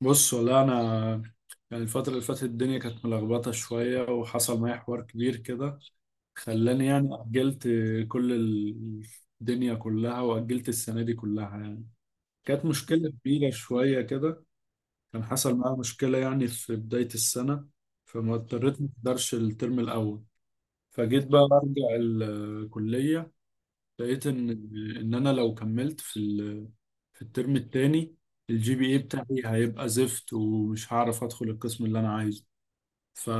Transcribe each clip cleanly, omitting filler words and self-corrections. بص والله انا، يعني الفترة اللي فاتت الدنيا كانت ملخبطة شوية وحصل معايا حوار كبير كده، خلاني يعني أجلت كل ال- الدنيا كلها وأجلت السنة دي كلها يعني. كانت مشكلة كبيرة شوية كده. كان حصل معايا مشكلة يعني في بداية السنة، فما اضطريت ما اقدرش الترم الأول. فجيت بقى أرجع الكلية، لقيت ان انا لو كملت في الترم التاني الجي بي اي بتاعي هيبقى زفت ومش هعرف ادخل القسم اللي انا عايزه. ف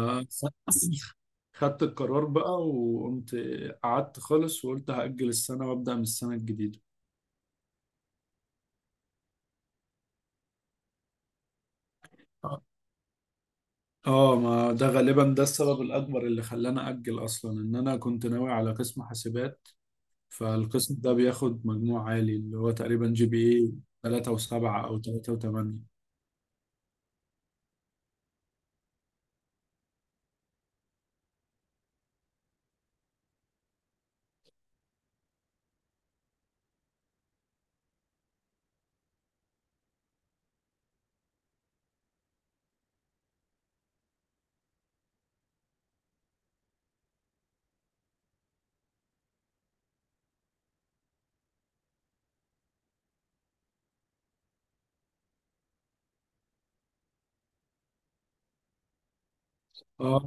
خدت القرار بقى، وقمت قعدت خالص وقلت هأجل السنة وأبدأ من السنة الجديدة. اه، ما ده غالبا ده السبب الأكبر اللي خلاني أجل أصلا، إن أنا كنت ناوي على قسم حاسبات. فالقسم ده بياخد مجموع عالي اللي هو تقريبا جي بي إيه 3.7 أو 3.8. اه.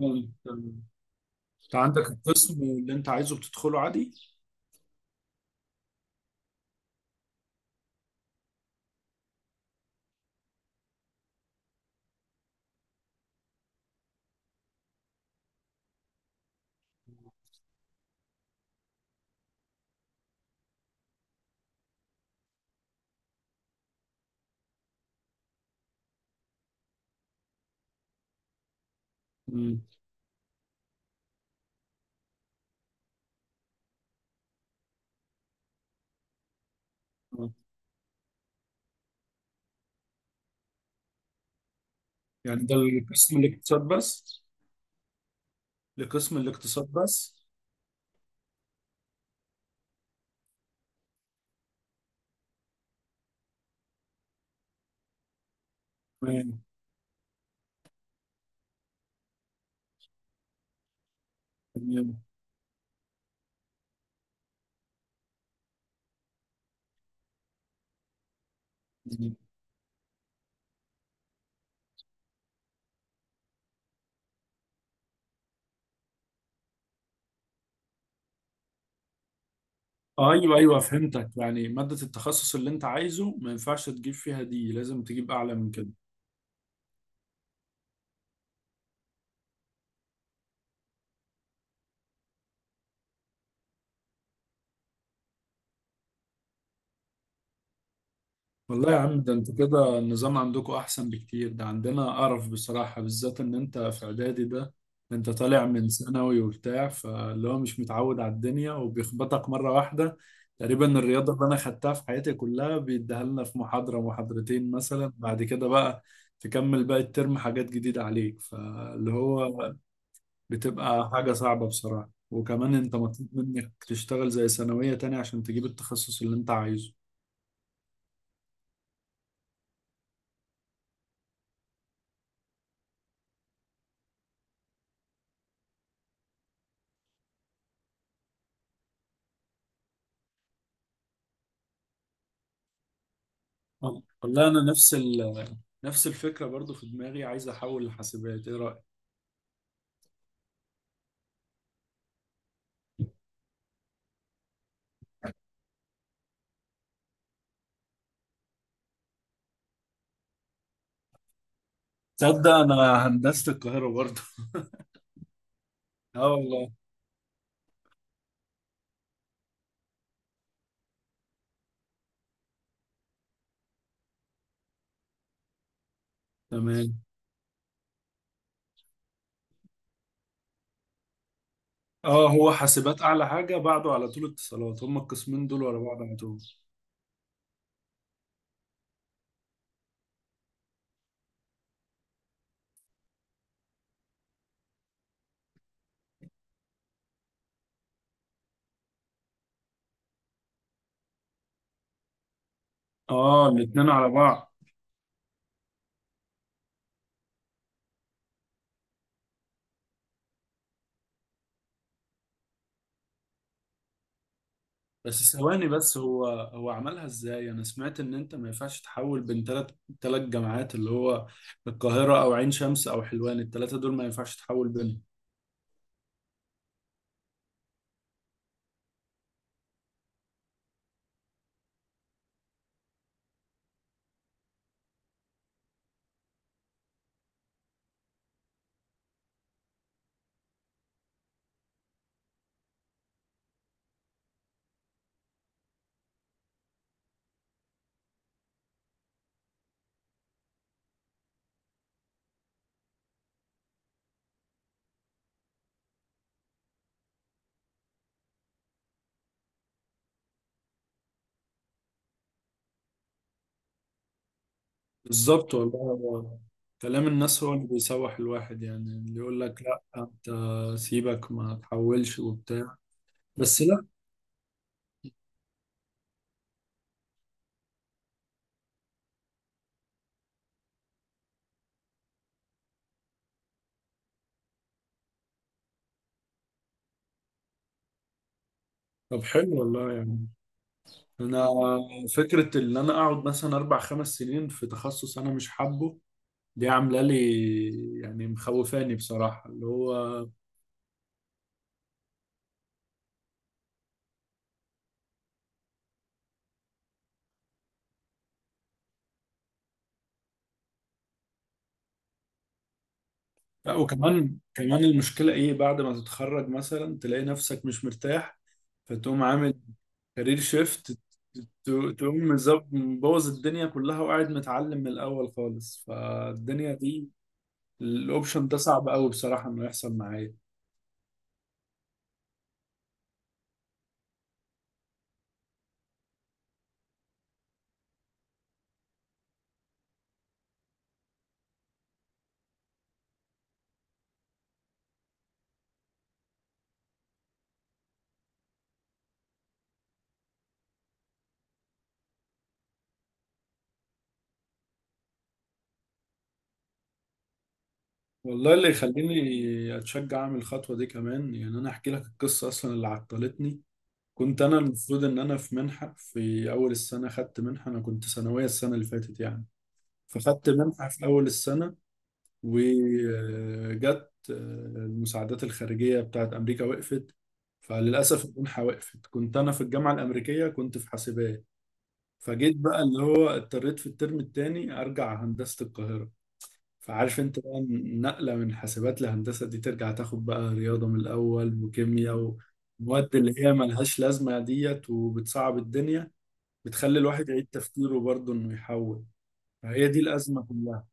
انت عندك القسم اللي انت عايزه بتدخله عادي. مم. آه. يعني ده القسم الاقتصاد بس؟ لقسم الاقتصاد بس؟ تمام. تمام. تمام. ايوه ايوه، فهمتك، يعني مادة التخصص اللي انت عايزه ما ينفعش تجيب فيها دي، لازم تجيب اعلى من كده. والله يا عم، ده انتوا كده النظام عندكم احسن بكتير، ده عندنا قرف بصراحة، بالذات ان انت في اعدادي ده، انت طالع من ثانوي وبتاع، فاللي هو مش متعود على الدنيا وبيخبطك مرة واحدة. تقريبا الرياضة اللي انا خدتها في حياتي كلها بيديها لنا في محاضرة محاضرتين مثلا، بعد كده بقى تكمل باقي الترم حاجات جديدة عليك، فاللي هو بتبقى حاجة صعبة بصراحة. وكمان انت مطلوب منك تشتغل زي ثانوية تاني عشان تجيب التخصص اللي انت عايزه. والله انا نفس الفكرة برضو في دماغي، عايز أحول لحاسبات، إيه رأيك؟ تصدق انا هندسة القاهرة برضه؟ آه والله. تمام. آه، هو حاسبات أعلى حاجة، بعده على طول اتصالات، هما القسمين دول ورا بعض على طول. آه، الاتنين على بعض. بس ثواني، بس هو عملها إزاي؟ أنا سمعت إن أنت ما ينفعش تحول بين تلات جامعات، اللي هو القاهرة أو عين شمس أو حلوان، التلاتة دول ما ينفعش تحول بينهم. بالظبط والله. هو كلام الناس هو اللي بيسوح الواحد، يعني اللي يقول لك لا انت سيبك ما تحولش وبتاع. بس لا. طب حلو والله يعني. انا فكرة ان انا اقعد مثلا اربع خمس سنين في تخصص انا مش حابه، دي عاملة لي يعني مخوفاني بصراحة اللي هو. لا، وكمان كمان المشكلة ايه، بعد ما تتخرج مثلا تلاقي نفسك مش مرتاح، فتقوم عامل كارير شيفت، تقوم مبوظ الدنيا كلها وقاعد متعلم من الأول خالص، فالدنيا دي الأوبشن ده صعب أوي بصراحة إنه يحصل معايا. والله اللي يخليني أتشجع أعمل الخطوة دي كمان، يعني أنا أحكي لك القصة أصلا اللي عطلتني. كنت أنا المفروض إن أنا في منحة في أول السنة، خدت منحة، أنا كنت ثانوية السنة اللي فاتت يعني. فخدت منحة في أول السنة، وجت المساعدات الخارجية بتاعت أمريكا وقفت. فللأسف المنحة وقفت، كنت أنا في الجامعة الأمريكية كنت في حاسبات. فجيت بقى اللي هو اضطريت في الترم التاني أرجع هندسة القاهرة. فعارف أنت بقى، النقلة من حاسبات لهندسة دي ترجع تاخد بقى رياضة من الأول وكيمياء ومواد اللي هي ملهاش لازمة ديت، وبتصعب الدنيا، بتخلي الواحد يعيد تفكيره برضه إنه يحول. فهي دي الأزمة كلها.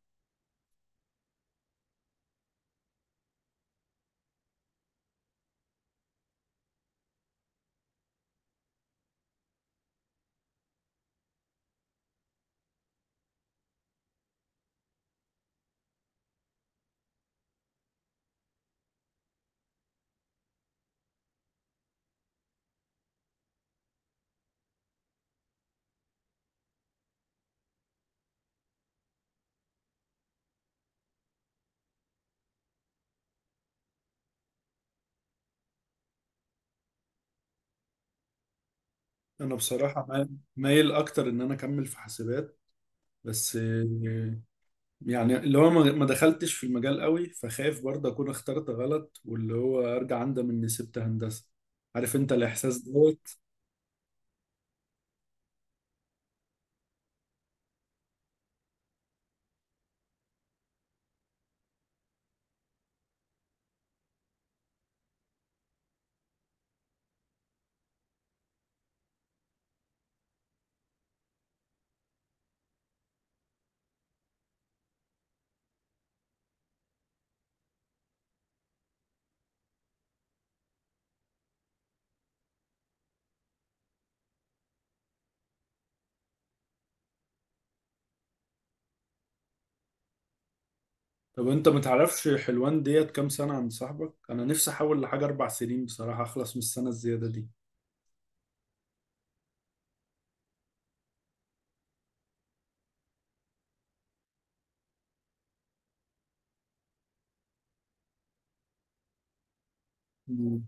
انا بصراحه مايل اكتر ان انا اكمل في حاسبات. بس يعني اللي هو ما دخلتش في المجال قوي، فخايف برضه اكون اخترت غلط واللي هو ارجع اندم اني سبت هندسه. عارف انت الاحساس دوت. طب انت ما تعرفش حلوان ديت كام سنه عند صاحبك؟ انا نفسي احول لحاجه اربع سنين بصراحه اخلص من السنه الزياده دي. مم.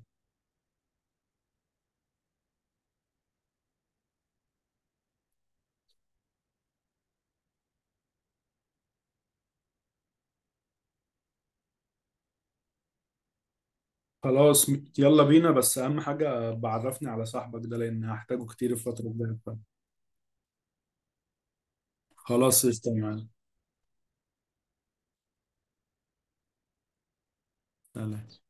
خلاص، يلا بينا، بس اهم حاجه بعرفني على صاحبك ده لان هحتاجه كتير الفتره الجايه. خلاص استنى. سلام.